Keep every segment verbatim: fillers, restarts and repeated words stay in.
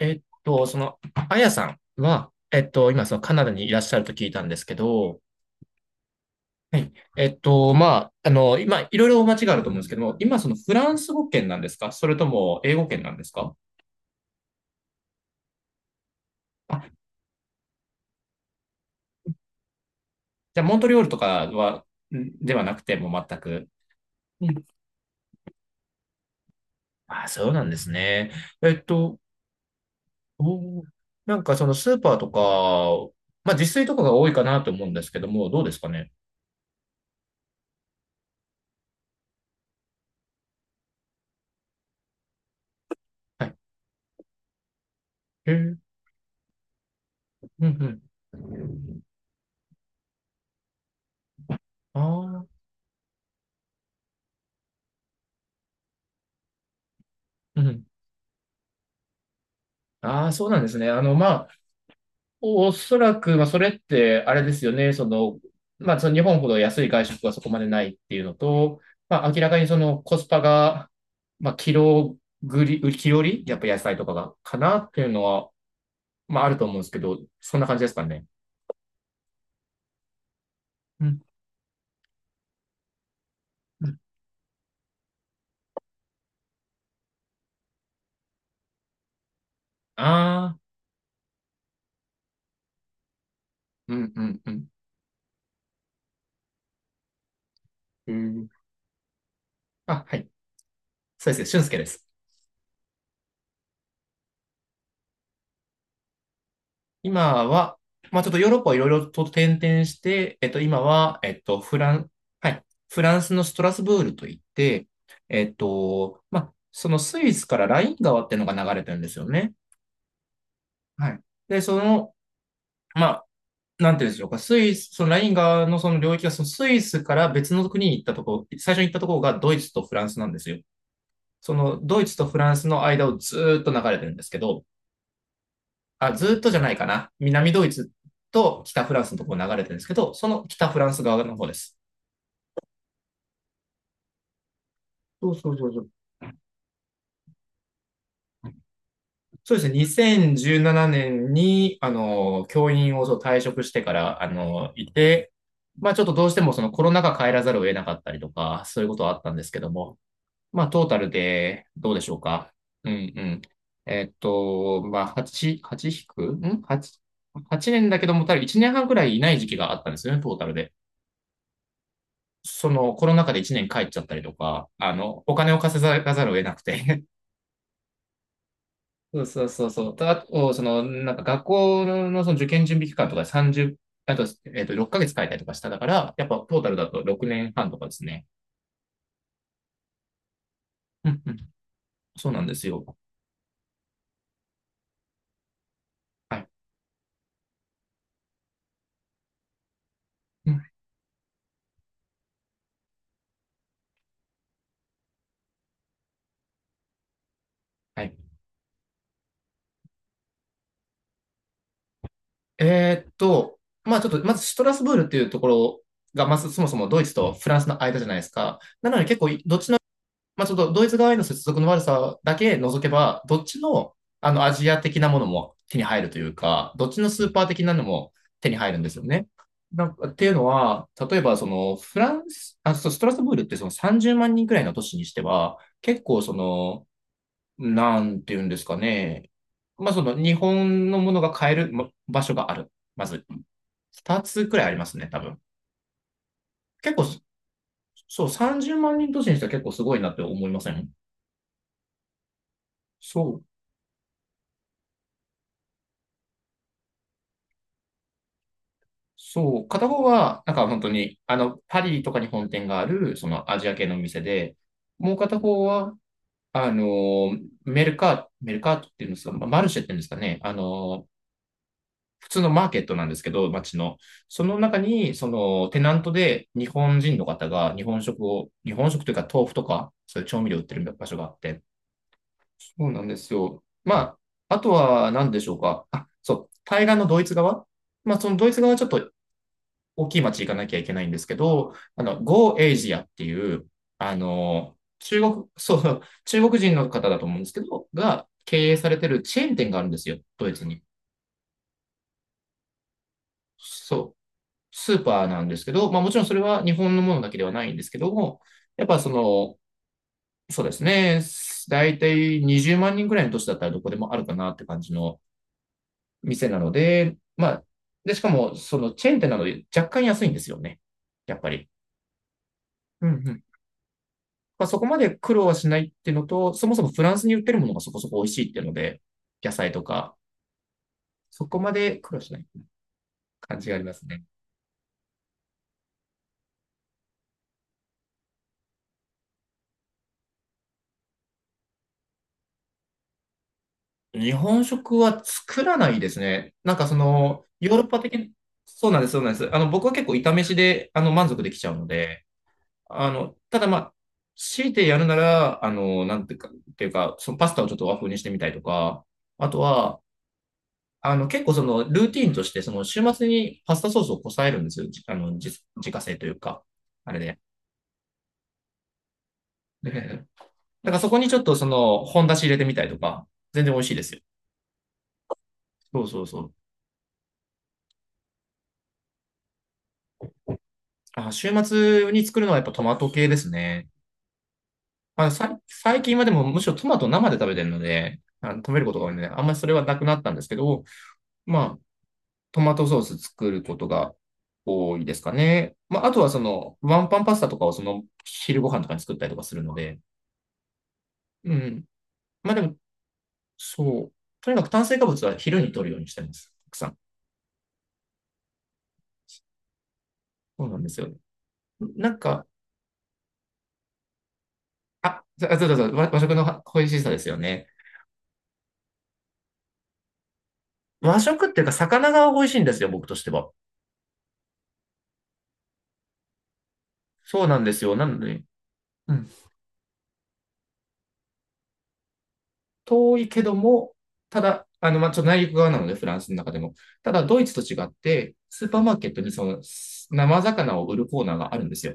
えっと、その、あやさんは、えっと、今、そのカナダにいらっしゃると聞いたんですけど、はい。えっと、まあ、あの、今、いろいろお間違いあると思うんですけども、今、そのフランス語圏なんですか？それとも英語圏なんですか？あ、じゃあ、モントリオールとかは、んではなくて、もう全く。うん。あ、そうなんですね。えっと、おーなんかそのスーパーとか、まあ自炊とかが多いかなと思うんですけども、どうですかね。はい。へえ、うんうん。ああ、うん。ああ、そうなんですね。あの、まあ、おおそらく、まあ、それって、あれですよね。その、まあ、その日本ほど安い外食はそこまでないっていうのと、まあ、明らかにそのコスパが、まあ、キロぐり、キロリ、やっぱ野菜とかが、かなっていうのは、まあ、あると思うんですけど、そんな感じですかね。うん。うん。ああ、うん、うん、うん。うん。あ、はい。そうです。俊介です。今は、まあちょっとヨーロッパをいろいろと転々して、えっと今は、えっとフラン、はい、フランスのストラスブールといって、えっと、まあそのスイスからライン川っていうのが流れてるんですよね。はい。で、その、まあなんていうんでしょうか、スイス、そのライン川のその領域が、そのスイスから別の国に行ったとこ、最初に行ったところがドイツとフランスなんですよ。そのドイツとフランスの間をずーっと流れてるんですけど、あ、ずっとじゃないかな。南ドイツと北フランスのところ流れてるんですけど、その北フランス側の方です。そうそうそうそう。そうですね。にせんじゅうななねんに、あの、教員をそう退職してから、あの、いて、まあちょっとどうしてもそのコロナ禍帰らざるを得なかったりとか、そういうことはあったんですけども、まあトータルでどうでしょうか。うんうん。えっと、まあはち、はち引くん？ はち、はちねんだけども、多分いちねんはんくらいいない時期があったんですよね、トータルで。そのコロナ禍でいちねん帰っちゃったりとか、あの、お金を稼がざるを得なくて そうそうそうそう。と、あと、その、なんか学校のその受験準備期間とかさんじゅう、あと、えっと、ろっかげつ帰ったりとかしただから、やっぱトータルだとろくねんはんとかですね。うんうん。そうなんですよ。はい。うん。はい。えーっと、まあちょっと、まずシュトラスブールっていうところが、まずそもそもドイツとフランスの間じゃないですか。なので結構、どっちまあ、ちょっとドイツ側への接続の悪さだけ除けば、どっちの、あの、アジア的なものも手に入るというか、どっちのスーパー的なのも手に入るんですよね。なんかっていうのは、例えば、その、フランス、あ、そうストラスブールってそのさんじゅうまん人くらいの都市にしては、結構その、なんていうんですかね。まあ、その、日本のものが買えるま場所がある。まず、ふたつくらいありますね、多分。結構、そう、さんじゅうまん人都市にしては結構すごいなって思いません？そう。そう、片方は、なんか本当に、あの、パリとかに本店がある、そのアジア系の店で、もう片方は、あの、メルカート、メルカートっていうんですか、まあマルシェっていうんですかね、あの、普通のマーケットなんですけど、街の。その中に、その、テナントで日本人の方が日本食を、日本食というか豆腐とか、そういう調味料売ってる場所があって。そうなんですよ。まあ、あとは何でしょうか。あ、そう、対岸のドイツ側。まあ、そのドイツ側はちょっと大きい町行かなきゃいけないんですけど、あの、Go Asia っていう、あの、中国、そう、中国人の方だと思うんですけど、が経営されてるチェーン店があるんですよ、ドイツに。そう、スーパーなんですけど、まあもちろんそれは日本のものだけではないんですけども、やっぱその、そうですね、大体にじゅうまん人ぐらいの都市だったらどこでもあるかなって感じの店なので、まあ、で、しかもそのチェーン店なので若干安いんですよね、やっぱり。うんうん。まあ、そこまで苦労はしないっていうのと、そもそもフランスに売ってるものがそこそこ美味しいっていうので、野菜とか、そこまで苦労しない感じがありますね。日本食は作らないですね。なんかその、ヨーロッパ的に、そうなんです、そうなんです。あの、僕は結構炒飯で、あの、満足できちゃうので、あの、ただまあ、強いてやるなら、あの、なんていうか、っていうか、そのパスタをちょっと和風にしてみたりとか、あとは、あの、結構そのルーティーンとして、その週末にパスタソースをこさえるんですよ。じあの、自自家製というか、あれで。でだからそこにちょっとその本出し入れてみたりとか、全然美味しいですよ。そうそうそう。あ、週末に作るのはやっぱトマト系ですね。まあ、さ最近はでもむしろトマト生で食べてるので、あの食べることが多いので、あんまりそれはなくなったんですけど、まあ、トマトソース作ることが多いですかね。まあ、あとはその、ワンパンパスタとかをその、昼ご飯とかに作ったりとかするので、うん。まあでもそう。とにかく炭水化物は昼に摂るようにしてます。たくさん。そうなんですよ。なんか、あ、あそうそうそう、和和食の美味しさですよね。和食っていうか、魚が美味しいんですよ、僕としては。そうなんですよ。なので、うん。遠いけども、ただ、あの、まあ、ちょっと内陸側なので、フランスの中でも。ただ、ドイツと違って、スーパーマーケットにその、生魚を売るコーナーがあるんですよ。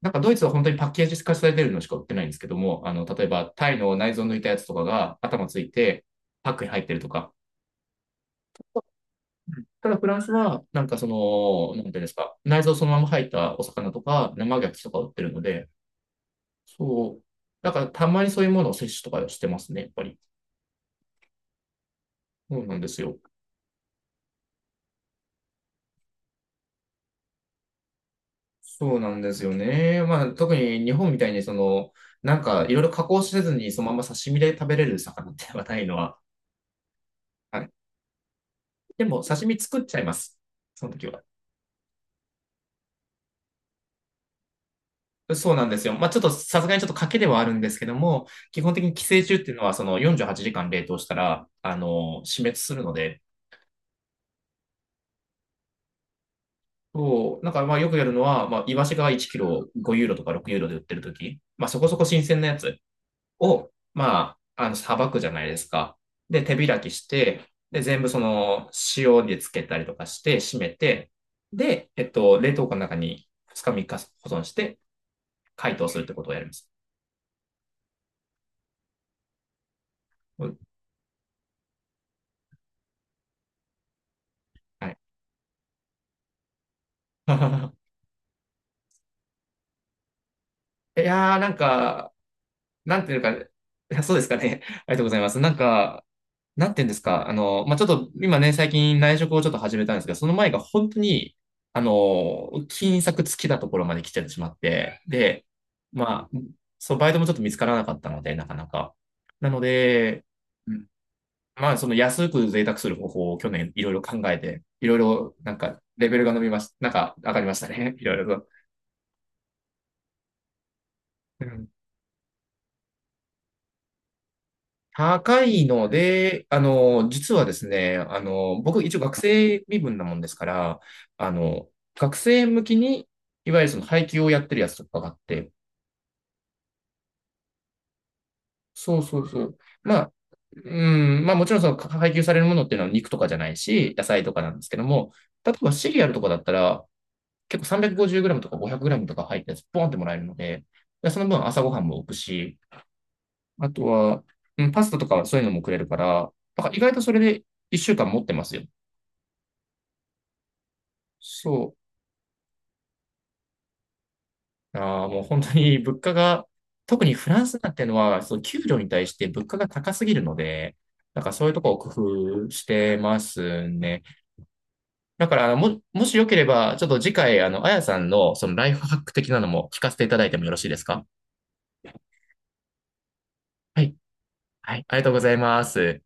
なんかドイツは本当にパッケージ化されてるのしか売ってないんですけども、あの、例えばタイの内臓抜いたやつとかが頭ついて、パックに入ってるとか、ただフランスは、なんかその、なんていうんですか、内臓そのまま入ったお魚とか、生牡蠣とか売ってるので、そう。だからたまにそういうものを摂取とかしてますね、やっぱり。そうなんですよ。そうなんですよね。まあ、特に日本みたいに、その、なんかいろいろ加工せずにそのまま刺身で食べれる魚ってはないのは。はい。でも、刺身作っちゃいます。その時は。そうなんですよ。まあ、ちょっとさすがにちょっと賭けではあるんですけども、基本的に寄生虫っていうのはそのよんじゅうはちじかん冷凍したら、あの、死滅するので、そう、なんかまあよくやるのは、まあ、イワシがいちキロごユーロとかろくユーロで売ってるとき、まあそこそこ新鮮なやつを、まあ、あの、さばくじゃないですか。で、手開きして、で、全部その、塩でつけたりとかして、締めて、で、えっと、冷凍庫の中にふつかみっか保存して、解凍するってことをやります。うん。はい。いやー、なんか、なんていうか、いやそうですかね。ありがとうございます。なんか、なんて言うんですか、あの、まあ、ちょっと今ね、最近内職をちょっと始めたんですけど、その前が本当に、あの、金策尽きたところまで来ちゃってしまって、で、まあ、そう、バイトもちょっと見つからなかったので、なかなか。なので、うん。まあ、その安く贅沢する方法を去年いろいろ考えて、いろいろなんかレベルが伸びました。なんか上がりましたね。いろいろと。高いので、あの、実はですね、あの、僕一応学生身分なもんですから、あの、学生向きに、いわゆるその配給をやってるやつとかがあって、そうそうそう。まあ、うん、まあもちろんそのか配給されるものっていうのは肉とかじゃないし、野菜とかなんですけども、例えばシリアルとかだったら、結構 さんびゃくごじゅうグラム とか ごひゃくグラム とか入ったやつ、ポンってもらえるので、でその分朝ごはんも置くし、あとは、うん、パスタとかそういうのもくれるから、だから意外とそれでいっしゅうかん持ってますよ。そう。ああ、もう本当に物価が、特にフランスなんてのは、その給料に対して物価が高すぎるので、なんかそういうとこを工夫してますね。だから、も、もしよければ、ちょっと次回、あの、あやさんのそのライフハック的なのも聞かせていただいてもよろしいですか？はい。はい。ありがとうございます。